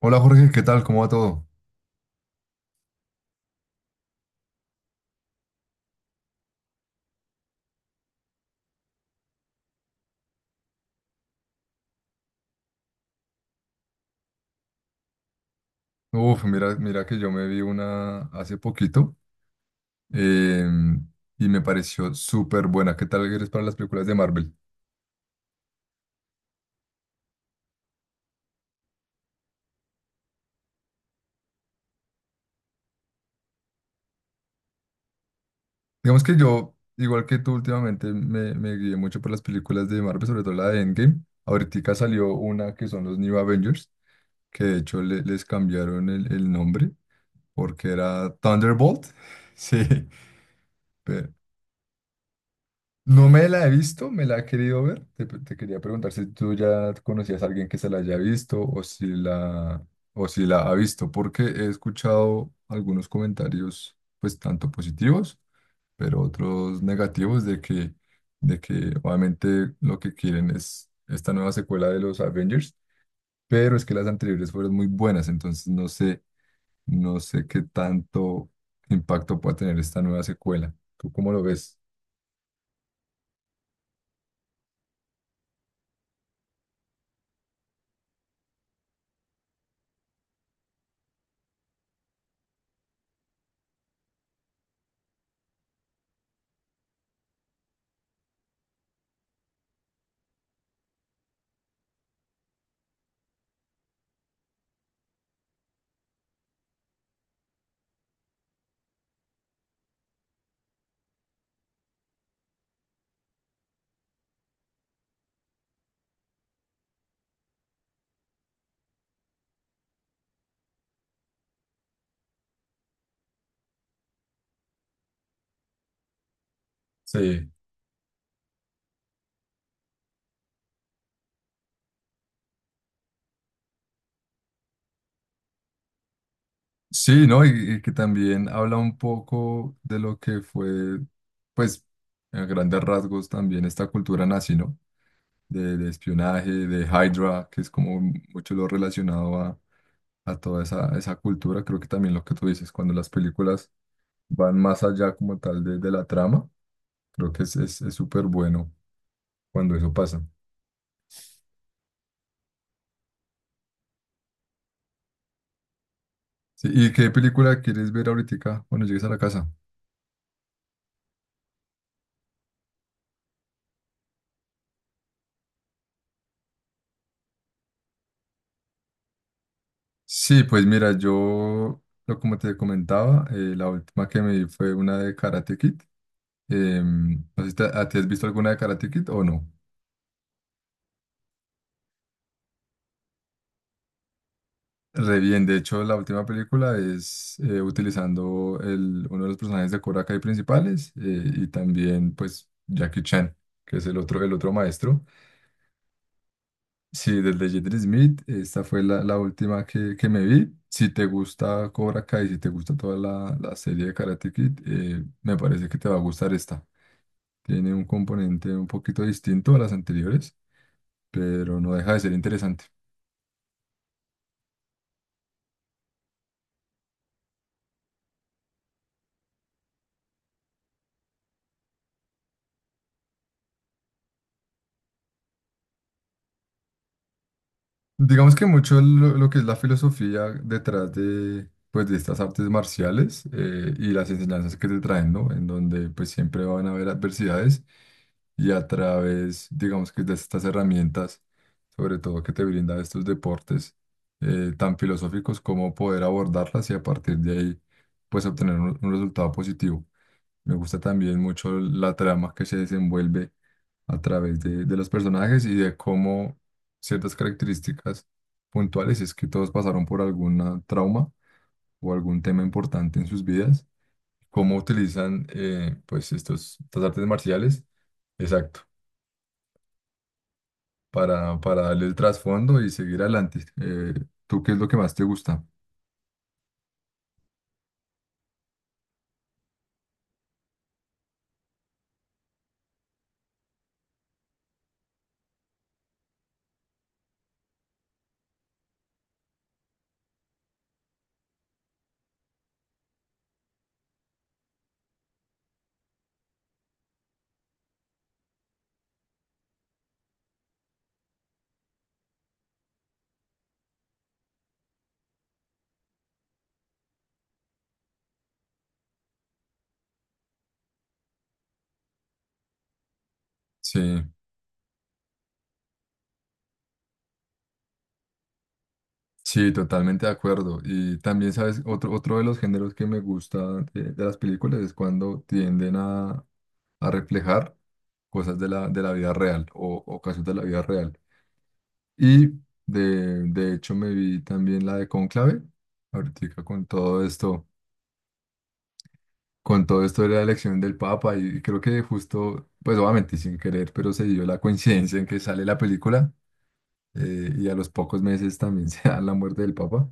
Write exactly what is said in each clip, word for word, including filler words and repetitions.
Hola Jorge, ¿qué tal? ¿Cómo va todo? Uf, mira, mira que yo me vi una hace poquito eh, y me pareció súper buena. ¿Qué tal eres para las películas de Marvel? Digamos que yo, igual que tú últimamente, me, me guié mucho por las películas de Marvel, sobre todo la de Endgame. Ahorita salió una que son los New Avengers, que de hecho le- les cambiaron el, el nombre porque era Thunderbolt. Sí, pe- no me la he visto, me la he querido ver. Te, te quería preguntar si tú ya conocías a alguien que se la haya visto o si la, o si la ha visto, porque he escuchado algunos comentarios, pues tanto positivos, pero otros negativos de que, de que obviamente lo que quieren es esta nueva secuela de los Avengers, pero es que las anteriores fueron muy buenas, entonces no sé, no sé qué tanto impacto pueda tener esta nueva secuela. ¿Tú cómo lo ves? Sí. Sí, ¿no? Y, y que también habla un poco de lo que fue, pues, a grandes rasgos también esta cultura nazi, ¿no? De, de espionaje, de Hydra, que es como mucho lo relacionado a, a toda esa, esa cultura. Creo que también lo que tú dices, cuando las películas van más allá como tal de, de la trama, creo que es, es, es súper bueno cuando eso pasa. Sí, ¿y qué película quieres ver ahorita cuando llegues a la casa? Sí, pues mira, yo, lo como te comentaba, eh, la última que me vi fue una de Karate Kid. Em, no sé si te- a ti has visto alguna de Karate Kid o no. Re bien, de hecho, la última película es eh, utilizando el, uno de los personajes de Cobra Kai principales eh, y también, pues, Jackie Chan, que es el otro, el otro maestro. Sí, desde Jaden Smith, esta fue la, la última que, que me vi. Si te gusta Cobra Kai, si te gusta toda la, la serie de Karate Kid, eh, me parece que te va a gustar esta. Tiene un componente un poquito distinto a las anteriores, pero no deja de ser interesante. Digamos que mucho lo, lo que es la filosofía detrás de, pues, de estas artes marciales eh, y las enseñanzas que te traen, ¿no? En donde pues siempre van a haber adversidades y a través, digamos que de estas herramientas, sobre todo que te brinda estos deportes eh, tan filosóficos, como poder abordarlas y a partir de ahí pues obtener un un resultado positivo. Me gusta también mucho la trama que se desenvuelve a través de, de los personajes y de cómo ciertas características puntuales, si es que todos pasaron por algún trauma o algún tema importante en sus vidas, cómo utilizan eh, pues estos, estas artes marciales, exacto, para, para darle el trasfondo y seguir adelante. Eh, ¿tú qué es lo que más te gusta? Sí, sí, totalmente de acuerdo. Y también, ¿sabes? Otro, otro de los géneros que me gusta de, de las películas es cuando tienden a, a reflejar cosas de la, de la vida real o, o casos de la vida real. Y de, de hecho me vi también la de Cónclave, ahorita con todo esto, con todo esto de la elección del Papa, y creo que justo, pues obviamente sin querer, pero se dio la coincidencia en que sale la película eh, y a los pocos meses también se da la muerte del Papa.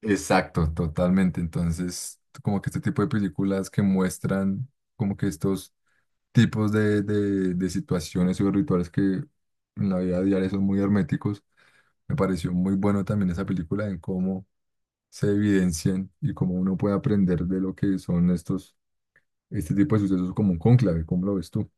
Exacto, totalmente. Entonces, como que este tipo de películas que muestran como que estos tipos de, de, de situaciones y de rituales que en la vida diaria son muy herméticos. Me pareció muy bueno también esa película en cómo se evidencian y cómo uno puede aprender de lo que son estos, este tipo de sucesos como un cónclave, ¿cómo lo ves tú?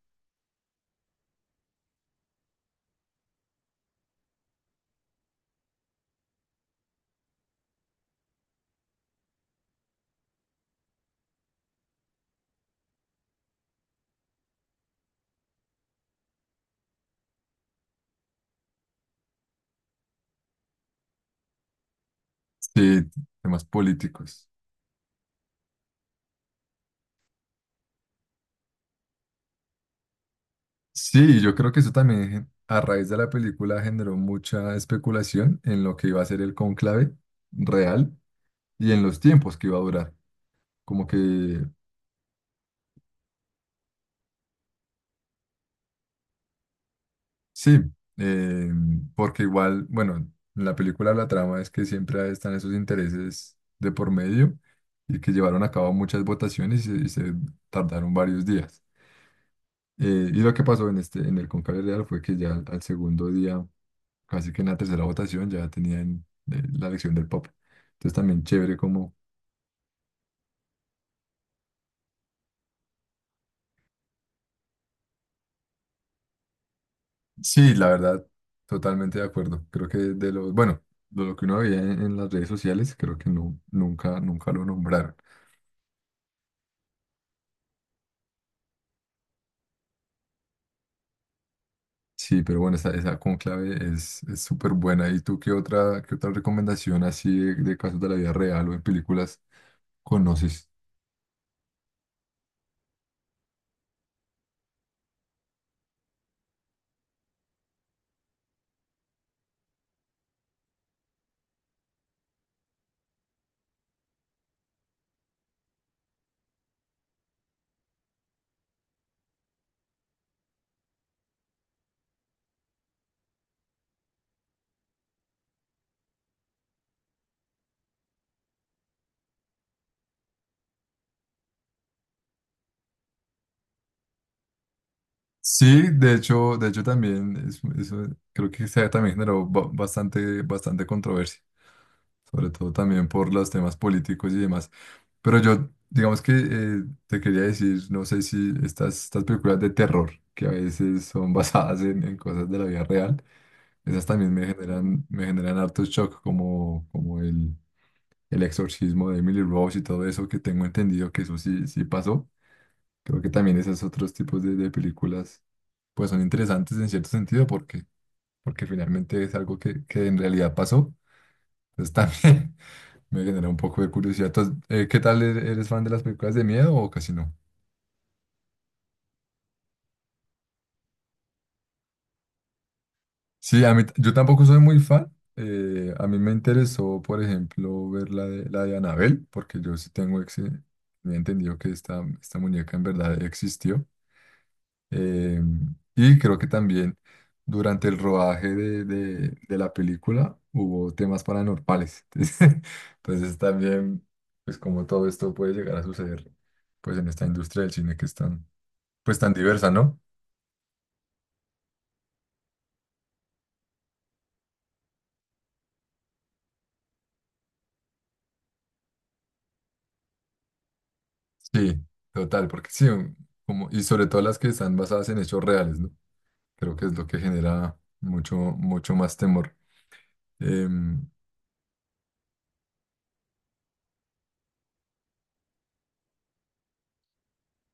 Sí, temas políticos. Sí, yo creo que eso también gen- a raíz de la película generó mucha especulación en lo que iba a ser el cónclave real y en los tiempos que iba a durar. Como que sí, eh, porque igual, bueno, en la película la trama es que siempre están esos intereses de por medio y que llevaron a cabo muchas votaciones y se, y se tardaron varios días. Eh, y lo que pasó en este, en el Cónclave Real, fue que ya al, al segundo día, casi que en la tercera votación, ya tenían eh, la elección del Papa. Entonces también chévere como... Sí, la verdad, totalmente de acuerdo. Creo que de lo, bueno, de lo que uno veía en, en las redes sociales, creo que no, nunca, nunca lo nombraron. Sí, pero bueno, esa, esa conclave es es súper buena. ¿Y tú qué otra, qué otra recomendación así de, de casos de la vida real o en películas conoces? Sí, de hecho, de hecho también es- eso creo que se- también generó ba- bastante, bastante controversia, sobre todo también por los temas políticos y demás. Pero yo, digamos que eh, te quería decir, no sé si estas, estas películas de terror, que a veces son basadas en, en cosas de la vida real, esas también me generan, me generan harto shock, como, como el el exorcismo de Emily Rose y todo eso, que tengo entendido que eso sí, sí pasó. Creo que también esos otros tipos de, de películas, pues son interesantes en cierto sentido, porque, porque finalmente es algo que, que en realidad pasó. Entonces también me genera un poco de curiosidad. Entonces, eh, ¿qué tal er- eres fan de las películas de miedo o casi no? Sí, a mí, t- yo tampoco soy muy fan. Eh, a mí me interesó, por ejemplo, ver la de, la de Annabelle, porque yo sí tengo, ex, he entendido que esta, esta muñeca en verdad existió. Eh, y creo que también durante el rodaje de, de- de la película hubo temas paranormales. Entonces entonces también, pues como todo esto puede llegar a suceder, pues en esta industria del cine que es tan, pues tan diversa, ¿no? Sí, total, porque sí, un- como, y sobre todo las que están basadas en hechos reales, ¿no? Creo que es lo que genera mucho, mucho más temor. Em,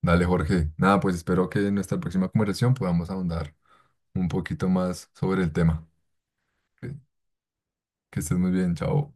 Dale, Jorge. Nada, pues espero que en nuestra próxima conversación podamos ahondar un poquito más sobre el tema. Que que estés muy bien, chao.